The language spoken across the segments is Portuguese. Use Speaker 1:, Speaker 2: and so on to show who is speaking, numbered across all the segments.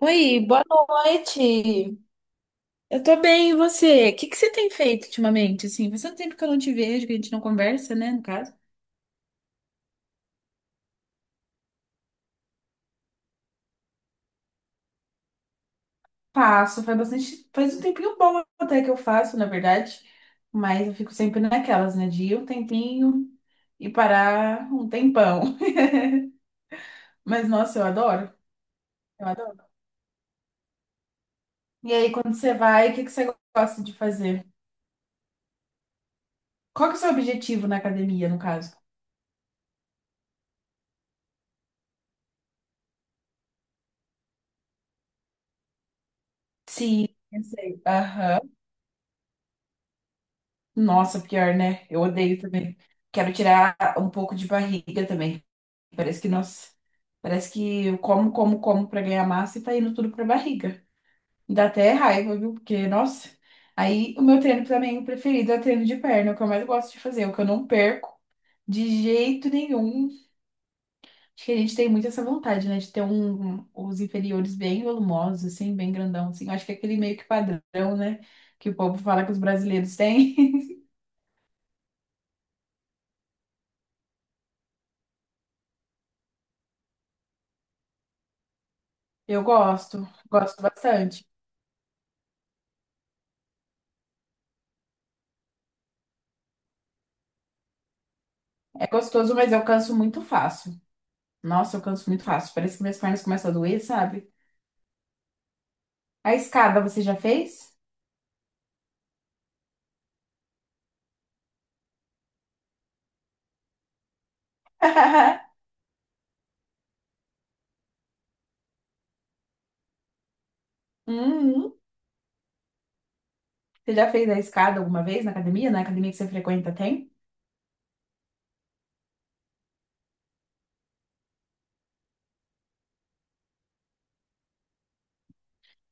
Speaker 1: Oi, boa noite. Eu tô bem, e você? O que que você tem feito ultimamente? Assim, faz tanto tempo que eu não te vejo, que a gente não conversa, né, no caso. Faço, faz bastante, faz um tempinho bom até que eu faço, na verdade, mas eu fico sempre naquelas, né, de ir um tempinho e parar um tempão. Mas nossa, eu adoro, eu adoro. E aí, quando você vai, o que que você gosta de fazer? Qual que é o seu objetivo na academia, no caso? Sim. Eu sei. Aham. Nossa, pior, né? Eu odeio também. Quero tirar um pouco de barriga também. Parece que, nossa, parece que eu como, como, como pra ganhar massa e tá indo tudo pra barriga. Dá até raiva, viu? Porque, nossa. Aí o meu treino também o preferido é o treino de perna, é o que eu mais gosto de fazer, é o que eu não perco de jeito nenhum. Acho que a gente tem muito essa vontade, né? De ter um, os inferiores bem volumosos, assim, bem grandão, assim. Eu acho que é aquele meio que padrão, né? Que o povo fala que os brasileiros têm. Eu gosto, gosto bastante. É gostoso, mas eu canso muito fácil. Nossa, eu canso muito fácil. Parece que minhas pernas começam a doer, sabe? A escada você já fez? Uhum. Você já fez a escada alguma vez na academia? Na academia que você frequenta tem?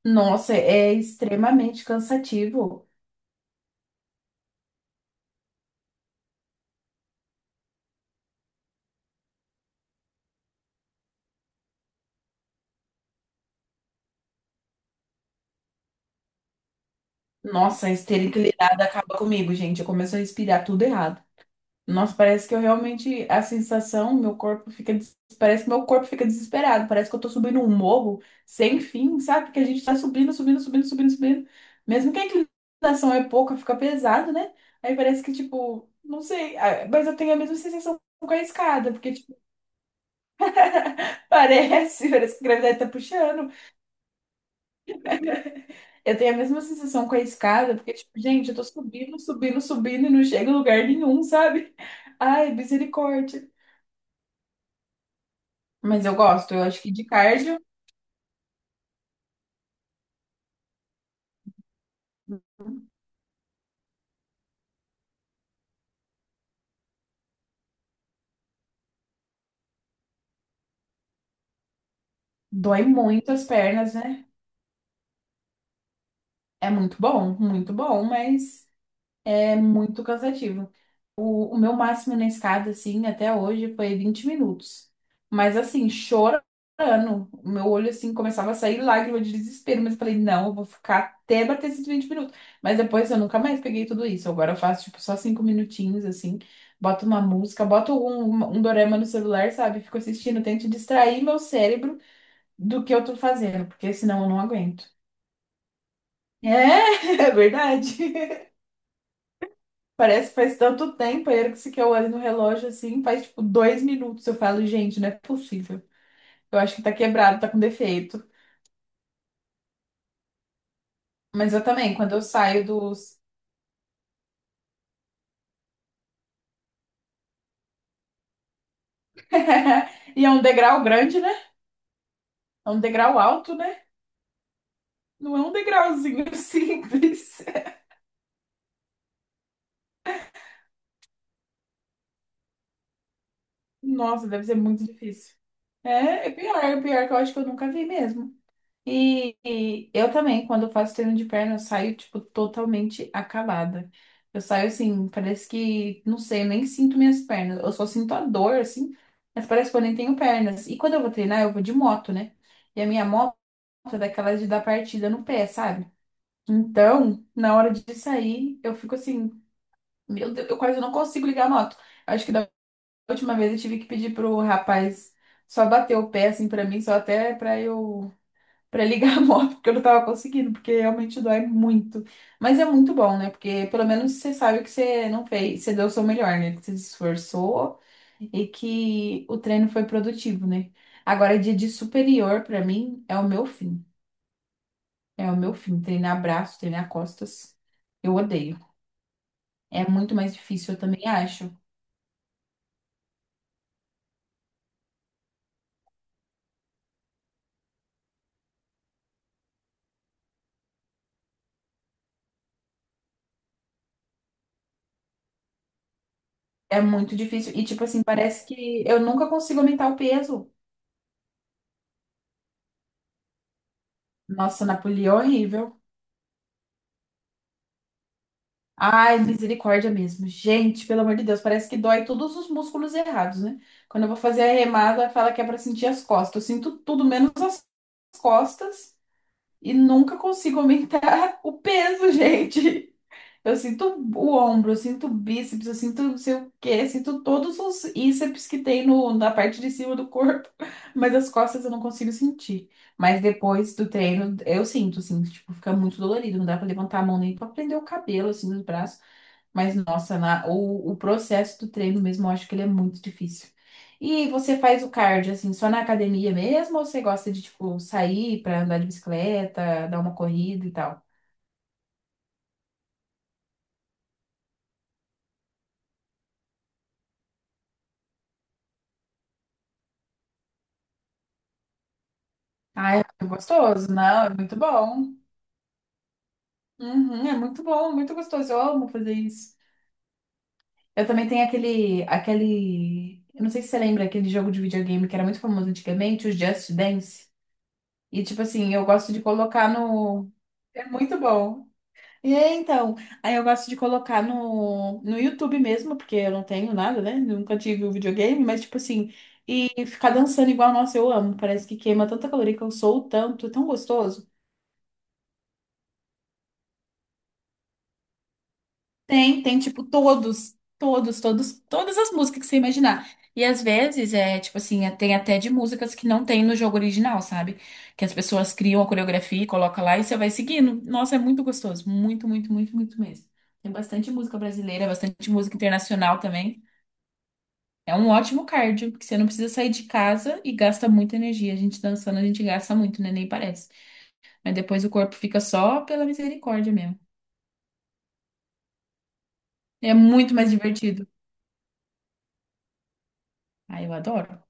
Speaker 1: Nossa, é extremamente cansativo. Nossa, a esteira inclinada acaba comigo, gente. Eu começo a respirar tudo errado. Nossa, parece que eu realmente, a sensação, meu corpo fica, parece que meu corpo fica desesperado, parece que eu tô subindo um morro sem fim, sabe? Porque a gente tá subindo, subindo, subindo, subindo, subindo. Mesmo que a inclinação é pouca, fica pesado, né? Aí parece que, tipo, não sei, ah, mas eu tenho a mesma sensação com a escada, porque, tipo, parece que a gravidade tá puxando. Eu tenho a mesma sensação com a escada, porque, tipo, gente, eu tô subindo, subindo, subindo e não chego em lugar nenhum, sabe? Ai, misericórdia. Mas eu gosto, eu acho que de cardio. Dói muito as pernas, né? É muito bom, mas é muito cansativo. O meu máximo na escada, assim, até hoje foi 20 minutos. Mas, assim, chorando, o meu olho, assim, começava a sair lágrima de desespero. Mas eu falei, não, eu vou ficar até bater esses 20 minutos. Mas depois eu nunca mais peguei tudo isso. Agora eu faço, tipo, só cinco minutinhos, assim, boto uma música, boto um dorama no celular, sabe? Fico assistindo, tento distrair meu cérebro do que eu tô fazendo, porque senão eu não aguento. É, é verdade. Parece que faz tanto tempo, aí a hora que que eu olho no relógio assim, faz tipo 2 minutos. Eu falo, gente, não é possível. Eu acho que tá quebrado, tá com defeito. Mas eu também, quando eu saio dos. E é um degrau grande, né? É um degrau alto, né? Não é um degrauzinho simples. Nossa, deve ser muito difícil. É, é pior que eu acho que eu nunca vi mesmo. E eu também, quando eu faço treino de perna, eu saio, tipo, totalmente acabada. Eu saio assim, parece que, não sei, eu nem sinto minhas pernas. Eu só sinto a dor, assim, mas parece que eu nem tenho pernas. E quando eu vou treinar, eu vou de moto, né? E a minha moto é daquelas de dar partida no pé, sabe? Então, na hora de sair, eu fico assim, meu Deus, eu quase não consigo ligar a moto. Acho que da última vez eu tive que pedir pro rapaz só bater o pé, assim, pra mim, só até pra eu pra ligar a moto, porque eu não tava conseguindo, porque realmente dói muito. Mas é muito bom, né? Porque pelo menos você sabe que você não fez, você deu o seu melhor, né? Que você se esforçou e que o treino foi produtivo, né? Agora, dia de superior, pra mim, é o meu fim. É o meu fim. Treinar braço, treinar costas, eu odeio. É muito mais difícil, eu também acho. É muito difícil. E, tipo assim, parece que eu nunca consigo aumentar o peso. Nossa, Napoleão é horrível. Ai, misericórdia mesmo. Gente, pelo amor de Deus, parece que dói todos os músculos errados, né? Quando eu vou fazer a remada, fala que é pra sentir as costas. Eu sinto tudo menos as costas e nunca consigo aumentar o peso, gente. Eu sinto o ombro, eu sinto o bíceps, eu sinto não sei o quê, eu sinto todos os íceps que tem no, na parte de cima do corpo, mas as costas eu não consigo sentir. Mas depois do treino, eu sinto, assim, tipo, fica muito dolorido, não dá pra levantar a mão nem pra prender o cabelo, assim, nos braços. Mas, nossa, o processo do treino mesmo, eu acho que ele é muito difícil. E você faz o cardio, assim, só na academia mesmo? Ou você gosta de, tipo, sair pra andar de bicicleta, dar uma corrida e tal? Ah, é muito gostoso. Não, é muito bom. Uhum, é muito bom, muito gostoso. Eu amo fazer isso. Eu também tenho aquele, aquele... Eu não sei se você lembra, aquele jogo de videogame que era muito famoso antigamente, o Just Dance. E, tipo assim, eu gosto de colocar no... É muito bom. E aí, então, aí eu gosto de colocar no, YouTube mesmo, porque eu não tenho nada, né? Nunca tive um videogame, mas tipo assim, e ficar dançando igual, nossa, eu amo. Parece que queima tanta caloria que eu sou tanto, é tão gostoso. Tem, tem tipo todos, todos, todos, todas as músicas que você imaginar. E às vezes é tipo assim, tem até de músicas que não tem no jogo original, sabe? Que as pessoas criam a coreografia e colocam lá e você vai seguindo. Nossa, é muito gostoso, muito, muito, muito, muito mesmo. Tem bastante música brasileira, bastante música internacional também. É um ótimo cardio, porque você não precisa sair de casa e gasta muita energia. A gente dançando, a gente gasta muito, né? Nem parece. Mas depois o corpo fica só pela misericórdia mesmo. É muito mais divertido. Ah, eu adoro.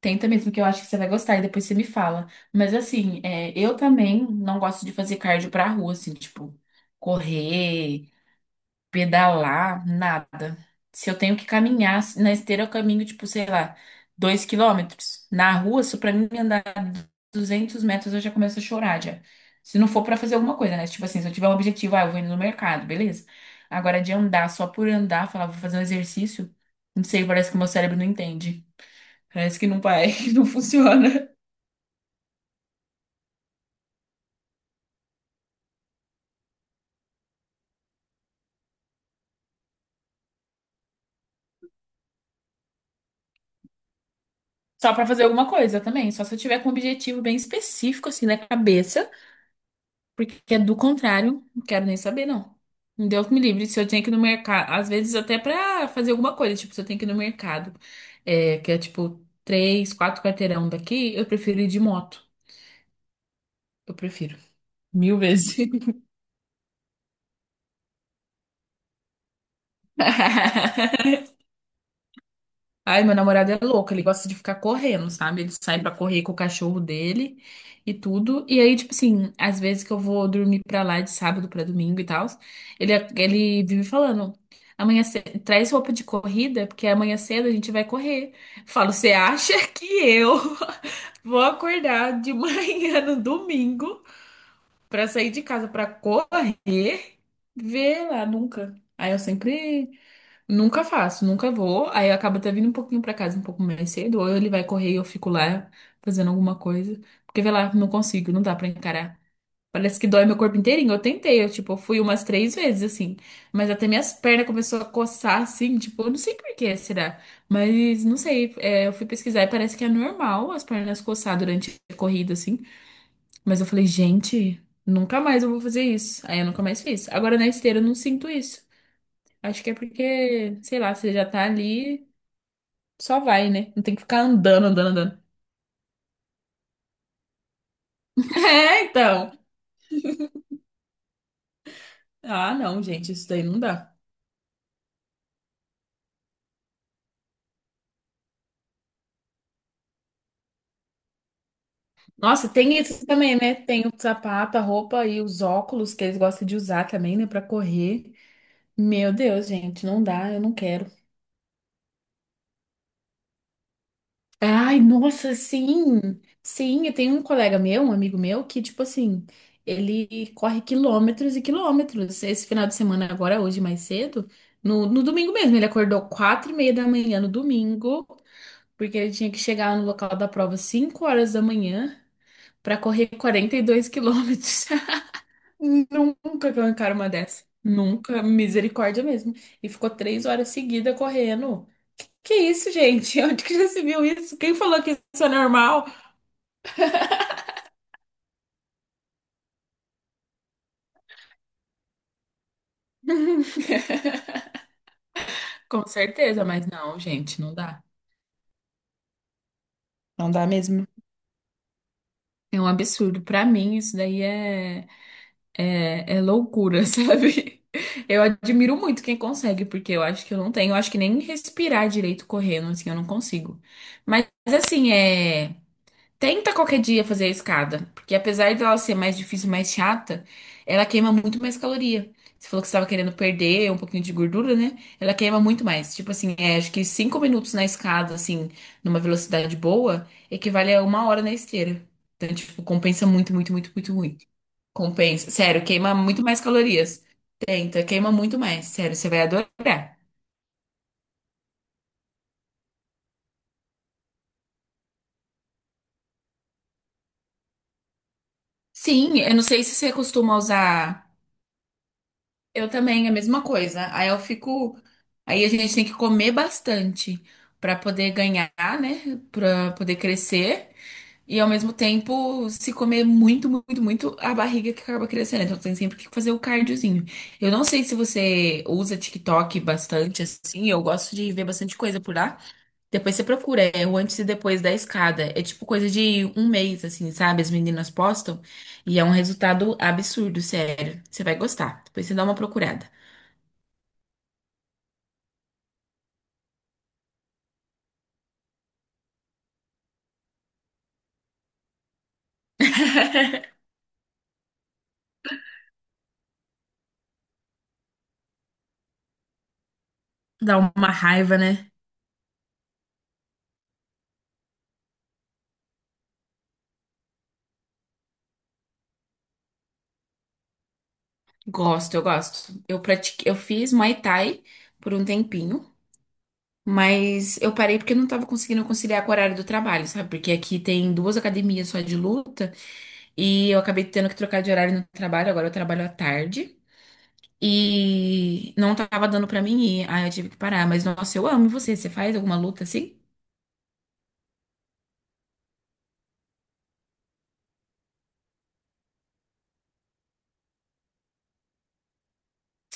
Speaker 1: Tenta mesmo, que eu acho que você vai gostar e depois você me fala. Mas assim, é, eu também não gosto de fazer cardio pra rua, assim, tipo, correr, pedalar, nada. Se eu tenho que caminhar na esteira, eu caminho, tipo, sei lá, 2 quilômetros. Na rua, isso pra mim andar. 200 metros eu já começo a chorar já. Se não for pra fazer alguma coisa, né? Tipo assim, se eu tiver um objetivo, ah, eu vou indo no mercado, beleza. Agora de andar só por andar, falar, vou fazer um exercício, não sei, parece que o meu cérebro não entende. Parece que não vai, não funciona. Só pra fazer alguma coisa também, só se eu tiver com um objetivo bem específico assim na cabeça. Porque é do contrário, não quero nem saber, não. Um Deus me livre. Se eu tenho que ir no mercado, às vezes até pra fazer alguma coisa, tipo, se eu tenho que ir no mercado, é, que é tipo três, quatro quarteirão daqui, eu prefiro ir de moto. Eu prefiro. Mil vezes. Ai, meu namorado é louco, ele gosta de ficar correndo, sabe? Ele sai pra correr com o cachorro dele e tudo. E aí, tipo assim, às vezes que eu vou dormir pra lá de sábado pra domingo e tal, ele vive falando: amanhã cedo, traz roupa de corrida, porque amanhã cedo a gente vai correr. Eu falo, você acha que eu vou acordar de manhã no domingo pra sair de casa pra correr? Vê lá, nunca. Aí eu sempre nunca faço, nunca vou. Aí eu acabo até vindo um pouquinho pra casa um pouco mais cedo, ou ele vai correr e eu fico lá fazendo alguma coisa. Porque, vai lá, não consigo, não dá pra encarar. Parece que dói meu corpo inteirinho. Eu tentei, eu, tipo, fui umas três vezes, assim. Mas até minhas pernas começou a coçar, assim, tipo, eu não sei por que será. Mas, não sei, é, eu fui pesquisar e parece que é normal as pernas coçar durante a corrida, assim. Mas eu falei, gente, nunca mais eu vou fazer isso. Aí eu nunca mais fiz. Agora na esteira eu não sinto isso. Acho que é porque, sei lá, você já tá ali, só vai, né? Não tem que ficar andando, andando, andando. É, então. Ah, não, gente, isso daí não dá. Nossa, tem isso também, né? Tem o sapato, a roupa e os óculos que eles gostam de usar também, né, pra correr. Meu Deus, gente, não dá, eu não quero. Ai, nossa, sim. Sim, eu tenho um colega meu, um amigo meu, que, tipo assim, ele corre quilômetros e quilômetros. Esse final de semana, agora, hoje, mais cedo, no domingo mesmo. Ele acordou 4h30 da manhã no domingo, porque ele tinha que chegar no local da prova 5 horas da manhã para correr 42 quilômetros. Nunca que eu encaro uma dessa. Nunca, misericórdia mesmo. E ficou 3 horas seguidas correndo. Que isso, gente? Onde que já se viu isso? Quem falou que isso é normal? Com certeza, mas não, gente, não dá. Não dá mesmo. É um absurdo. Pra mim, isso daí é, é loucura, sabe? Eu admiro muito quem consegue, porque eu acho que eu não tenho. Eu acho que nem respirar direito correndo, assim, eu não consigo. Mas, assim, é. Tenta qualquer dia fazer a escada, porque apesar dela ser mais difícil, mais chata, ela queima muito mais caloria. Você falou que você estava querendo perder um pouquinho de gordura, né? Ela queima muito mais. Tipo assim, é, acho que 5 minutos na escada, assim, numa velocidade boa, equivale a uma hora na esteira. Então, tipo, compensa muito, muito, muito, muito, muito. Compensa. Sério, queima muito mais calorias. Tenta, queima muito mais. Sério, você vai adorar. Sim, eu não sei se você costuma usar. Eu também, a mesma coisa. Aí eu fico. Aí a gente tem que comer bastante pra poder ganhar, né? Pra poder crescer. E ao mesmo tempo, se comer muito, muito, muito, a barriga que acaba crescendo. Então tem sempre que fazer o cardiozinho. Eu não sei se você usa TikTok bastante, assim. Eu gosto de ver bastante coisa por lá. Depois você procura, é o antes e depois da escada. É tipo coisa de um mês, assim, sabe? As meninas postam. E é um resultado absurdo, sério. Você vai gostar. Depois você dá uma procurada. Dá uma raiva, né? Gosto. Eu pratiquei, eu fiz Muay Thai por um tempinho, mas eu parei porque eu não tava conseguindo conciliar com o horário do trabalho, sabe? Porque aqui tem duas academias só de luta e eu acabei tendo que trocar de horário no trabalho, agora eu trabalho à tarde e não tava dando pra mim ir. Aí eu tive que parar, mas nossa, eu amo você. Você faz alguma luta assim?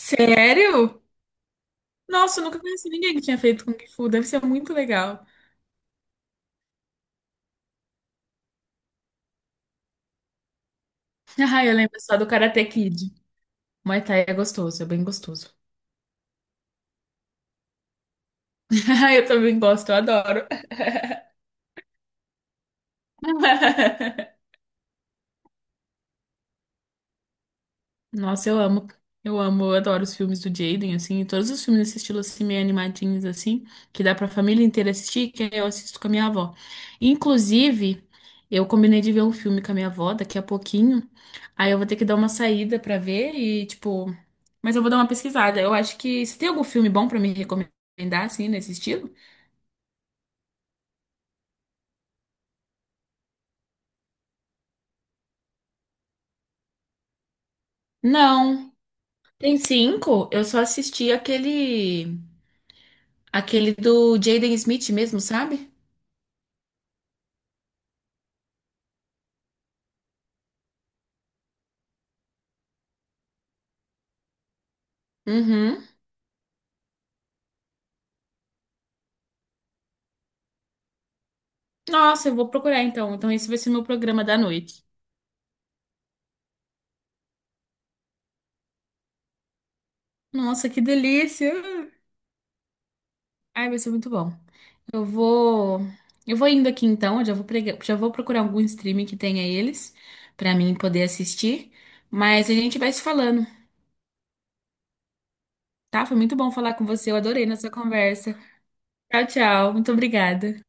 Speaker 1: Sério? Nossa, eu nunca conheci ninguém que tinha feito Kung Fu. Deve ser muito legal. Ah, eu lembro só do Karate Kid. Muay Thai é gostoso, é bem gostoso. Eu também gosto, eu adoro. Nossa, eu amo. Eu amo, eu adoro os filmes do Jaden, assim, e todos os filmes desse estilo, assim, meio animadinhos, assim, que dá pra família inteira assistir, que eu assisto com a minha avó. Inclusive, eu combinei de ver um filme com a minha avó daqui a pouquinho, aí eu vou ter que dar uma saída pra ver e, tipo... Mas eu vou dar uma pesquisada. Eu acho que... Você tem algum filme bom pra me recomendar, assim, nesse estilo? Não. Tem cinco? Eu só assisti aquele... Aquele do Jaden Smith mesmo, sabe? Uhum. Nossa, eu vou procurar então. Então, esse vai ser meu programa da noite. Nossa, que delícia! Ai, vai ser muito bom. Eu vou. Eu vou indo aqui então. Eu já vou, já vou procurar algum streaming que tenha eles pra mim poder assistir. Mas a gente vai se falando, tá? Foi muito bom falar com você. Eu adorei nossa conversa. Tchau, tchau. Muito obrigada.